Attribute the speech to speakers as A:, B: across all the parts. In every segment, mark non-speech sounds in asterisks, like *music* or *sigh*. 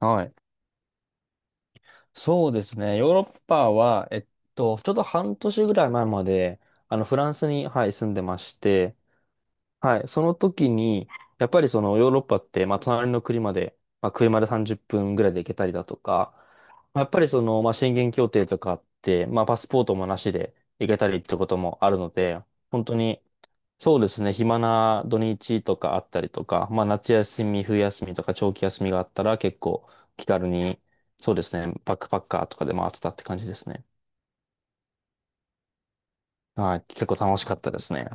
A: はい。そうですね。ヨーロッパは、ちょうど半年ぐらい前まで、あの、フランスに、はい、住んでまして、はい、その時に、やっぱりそのヨーロッパって、まあ、隣の国まで、まあ、車で30分ぐらいで行けたりだとか、まあやっぱりその、まあ、宣言協定とかあって、まあ、パスポートもなしで行けたりってこともあるので、本当にそうですね。暇な土日とかあったりとか、まあ夏休み、冬休みとか長期休みがあったら結構気軽に、そうですね。バックパッカーとかで回ってたって感じですね。はい。結構楽しかったですね。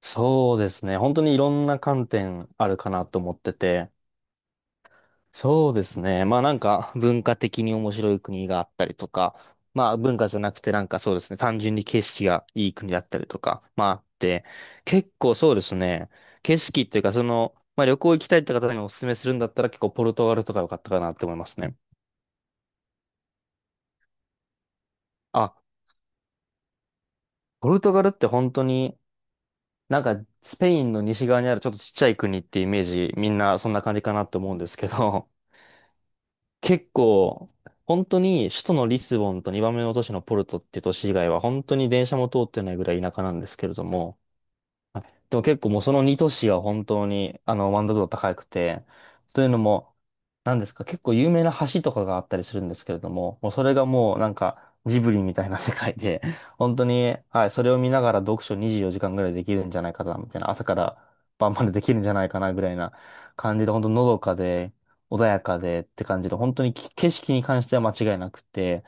A: そうですね。本当にいろんな観点あるかなと思ってて、そうですね。まあなんか文化的に面白い国があったりとか、まあ文化じゃなくてなんかそうですね、単純に景色がいい国だったりとか、まああって、結構そうですね、景色っていうかその、まあ旅行行きたいって方にお勧めするんだったら結構ポルトガルとか良かったかなって思いますね。あ、ポルトガルって本当になんかスペインの西側にあるちょっとちっちゃい国ってイメージみんなそんな感じかなって思うんですけど、結構、本当に首都のリスボンと2番目の都市のポルトって都市以外は本当に電車も通ってないぐらい田舎なんですけれども、でも結構もうその2都市は本当にあの満足度高くて、というのもなんですか、結構有名な橋とかがあったりするんですけれども、もうそれがもうなんかジブリみたいな世界で、*laughs* 本当に、はい、それを見ながら読書24時間ぐらいできるんじゃないかな、みたいな、朝から晩までできるんじゃないかな、ぐらいな感じで、本当のどかで、穏やかでって感じで、本当にき景色に関しては間違いなくて、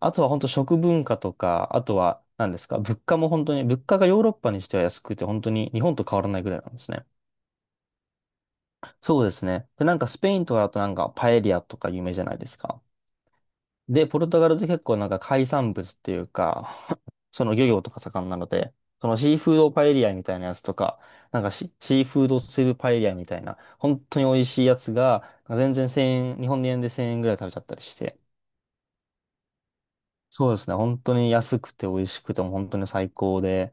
A: あとは本当食文化とか、あとは何ですか、物価も本当に、物価がヨーロッパにしては安くて、本当に日本と変わらないぐらいなんですね。そうですね。で、なんかスペインとかだとなんかパエリアとか有名じゃないですか。で、ポルトガルって結構なんか海産物っていうか、*laughs* その漁業とか盛んなので、そのシーフードパエリアみたいなやつとか、なんかシーフードスープパエリアみたいな、本当に美味しいやつが、全然1000円、日本円で1000円ぐらい食べちゃったりして、そうですね、本当に安くて美味しくても本当に最高で、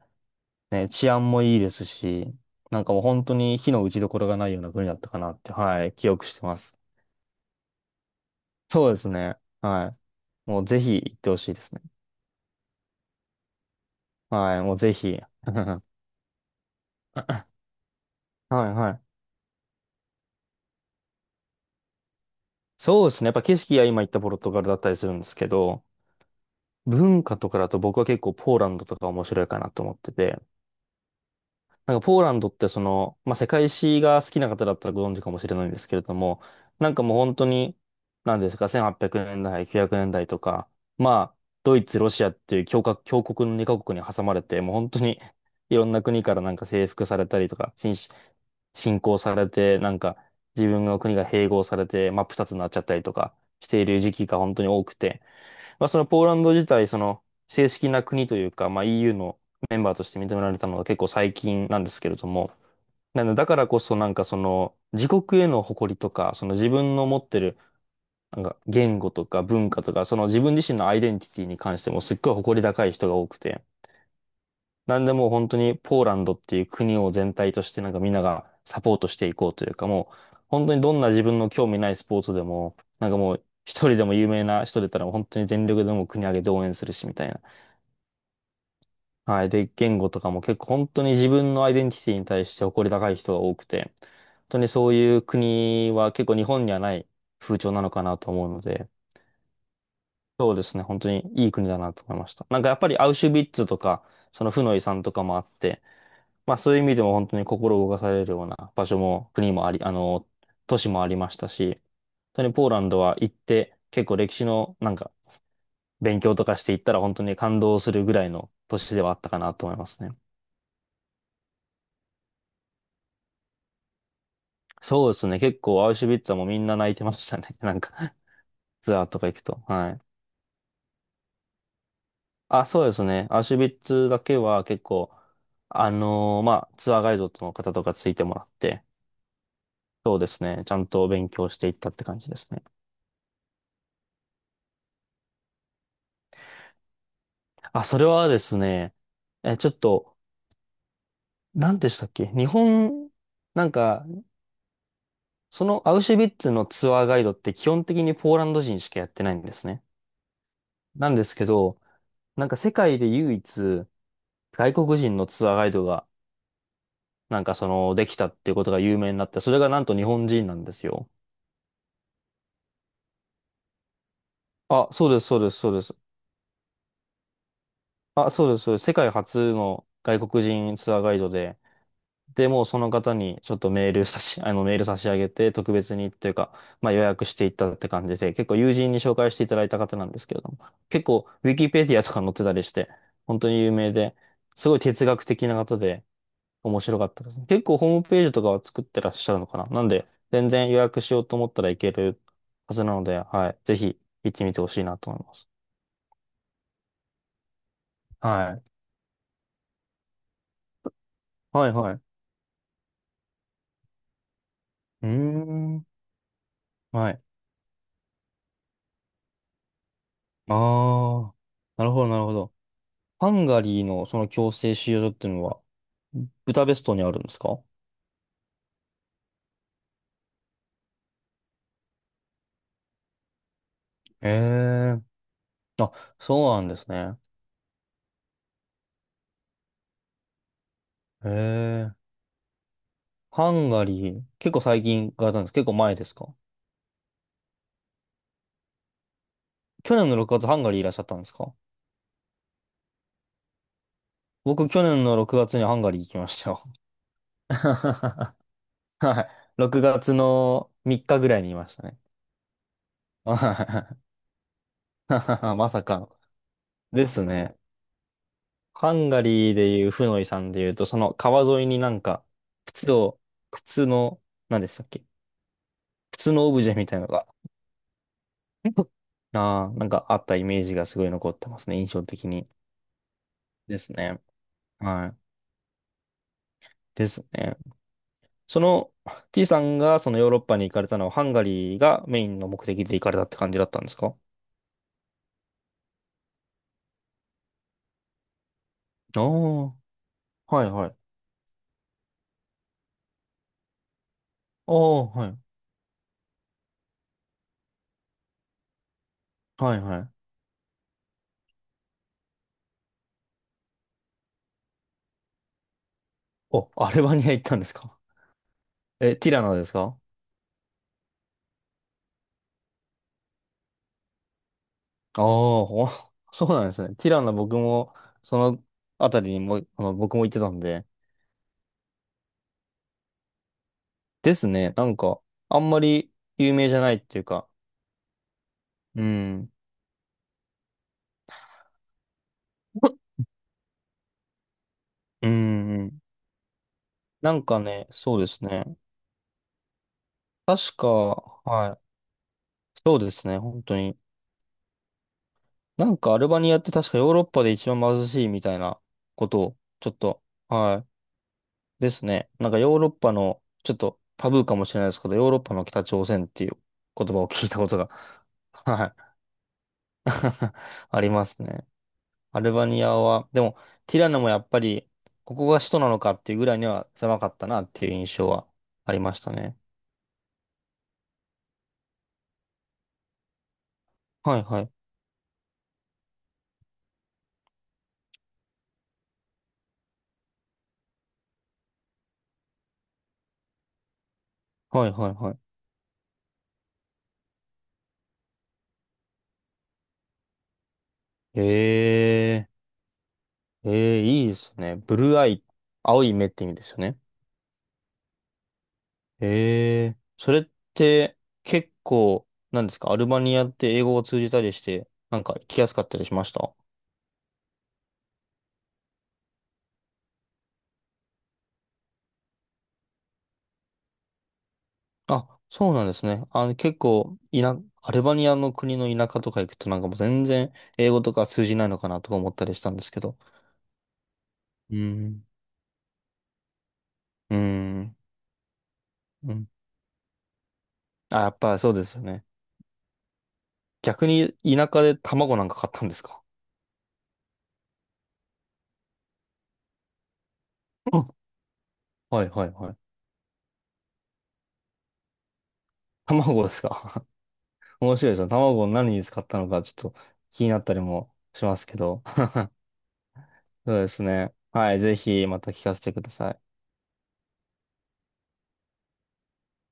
A: ね、治安もいいですし、なんかもう本当に火の打ちどころがないような国だったかなって、はい、記憶してます。そうですね、はい。もうぜひ行ってほしいですね。はい、もうぜひ。*laughs* はいはい。そうですね。やっぱ景色は今言ったポルトガルだったりするんですけど、文化とかだと僕は結構ポーランドとか面白いかなと思ってて、なんかポーランドってその、まあ、世界史が好きな方だったらご存知かもしれないんですけれども、なんかもう本当に、なんですか、1800年代、900年代とか、まあ、ドイツ、ロシアっていう強国の2カ国に挟まれて、もう本当に *laughs* いろんな国からなんか征服されたりとか、侵攻されて、なんか自分の国が併合されて、真っ二つになっちゃったりとかしている時期が本当に多くて、まあ、そのポーランド自体、その正式な国というか、まあ、EU のメンバーとして認められたのが結構最近なんですけれども、なのでだからこそなんかその自国への誇りとか、その自分の持ってるなんか言語とか文化とか、その自分自身のアイデンティティに関してもすっごい誇り高い人が多くて、なんでもう本当にポーランドっていう国を全体としてなんかみんながサポートしていこうというかもう本当にどんな自分の興味ないスポーツでもなんかもう一人でも有名な人出たらもう本当に全力でもう国挙げて応援するしみたいな。はい。で、言語とかも結構本当に自分のアイデンティティに対して誇り高い人が多くて、本当にそういう国は結構日本にはない風潮なのかなと思うので、そうですね。本当にいい国だなと思いました。なんかやっぱりアウシュビッツとか、その負の遺産とかもあって、まあそういう意味でも本当に心動かされるような場所も国もあり、あの、都市もありましたし、本当にポーランドは行って結構歴史のなんか勉強とかしていったら本当に感動するぐらいの都市ではあったかなと思いますね。そうですね。結構アウシュビッツはもうみんな泣いてましたね。*laughs* なんかツアーとか行くと。はい。あ、そうですね。アウシュビッツだけは結構、まあ、ツアーガイドの方とかついてもらって、そうですね。ちゃんと勉強していったって感じですね。あ、それはですね、え、ちょっと、何でしたっけ日本、なんか、そのアウシュビッツのツアーガイドって基本的にポーランド人しかやってないんですね。なんですけど、なんか世界で唯一外国人のツアーガイドがなんかその、できたっていうことが有名になって、それがなんと日本人なんですよ。あ、そうです、そうです、そうです。あ、そうです、そうです。世界初の外国人ツアーガイドで、で、もうその方にちょっとメール差し上げて、特別にっていうか、まあ予約していったって感じで、結構友人に紹介していただいた方なんですけれども、結構、ウィキペディアとか載ってたりして、本当に有名で、すごい哲学的な方で、面白かったですね。結構ホームページとかは作ってらっしゃるのかななんで、全然予約しようと思ったらいけるはずなので、はい。ぜひ行ってみてほしいなと思います。はい。はいはい。うーん。はい。ああ。なるほど、なるほど。ハンガリーのその強制収容所っていうのは、ブダペストにあるんですか？ええー。あ、そうなんですね。ええハンガリー、結構最近行かれたんです。結構前ですか？去年の6月ハンガリーいらっしゃったんですか？僕、去年の6月にハンガリー行きましたよ。*laughs* はい。6月の3日ぐらいにいましたね。はい *laughs* まさかの。ですね。ハンガリーでいうフノイさんでいうと、その川沿いになんか、靴を、靴の、何でしたっけ、靴のオブジェみたいなのが、*laughs* ああなんかあったイメージがすごい残ってますね。印象的に。ですね。はい。ですね。その T さんがそのヨーロッパに行かれたのはハンガリーがメインの目的で行かれたって感じだったんですか？ああー、はいはい。ああ、はい。はいはい。お、アルバニア行ったんですか？え、ティラノですか？ああー、ほ *laughs* そうなんですね。ティラノ僕も、そのあたりにも、あの、僕も行ってたんで。ですね。なんか、あんまり有名じゃないっていうか。うん。*laughs* うん。なんかね、そうですね。確か、はい。そうですね。本当に。なんかアルバニアって確かヨーロッパで一番貧しいみたいなことを、ちょっと、はい、ですね。なんかヨーロッパの、ちょっとタブーかもしれないですけど、ヨーロッパの北朝鮮っていう言葉を聞いたことが、*laughs* はい、*laughs* ありますね。アルバニアは、でも、ティラノもやっぱり、ここが首都なのかっていうぐらいには狭かったなっていう印象はありましたね。はい、はい、はい、はい、はい。えー、えー、いいですね。ブルーアイ、青い目って意味ですよね。ええ、それって結構、なんですか、アルバニアって英語を通じたりして、なんか来やすかったりしました？あ、そうなんですね。あの、結構、いな、アルバニアの国の田舎とか行くとなんかもう全然英語とか通じないのかなとか思ったりしたんですけど。うん。うん。うん。あ、やっぱそうですよね。逆に田舎で卵なんか買ったんですか？うん *laughs* はいはいはい。卵ですか？ *laughs* 面白いですよ。卵を何に使ったのかちょっと気になったりもしますけど。そうですね。はい。ぜひまた聞かせてください。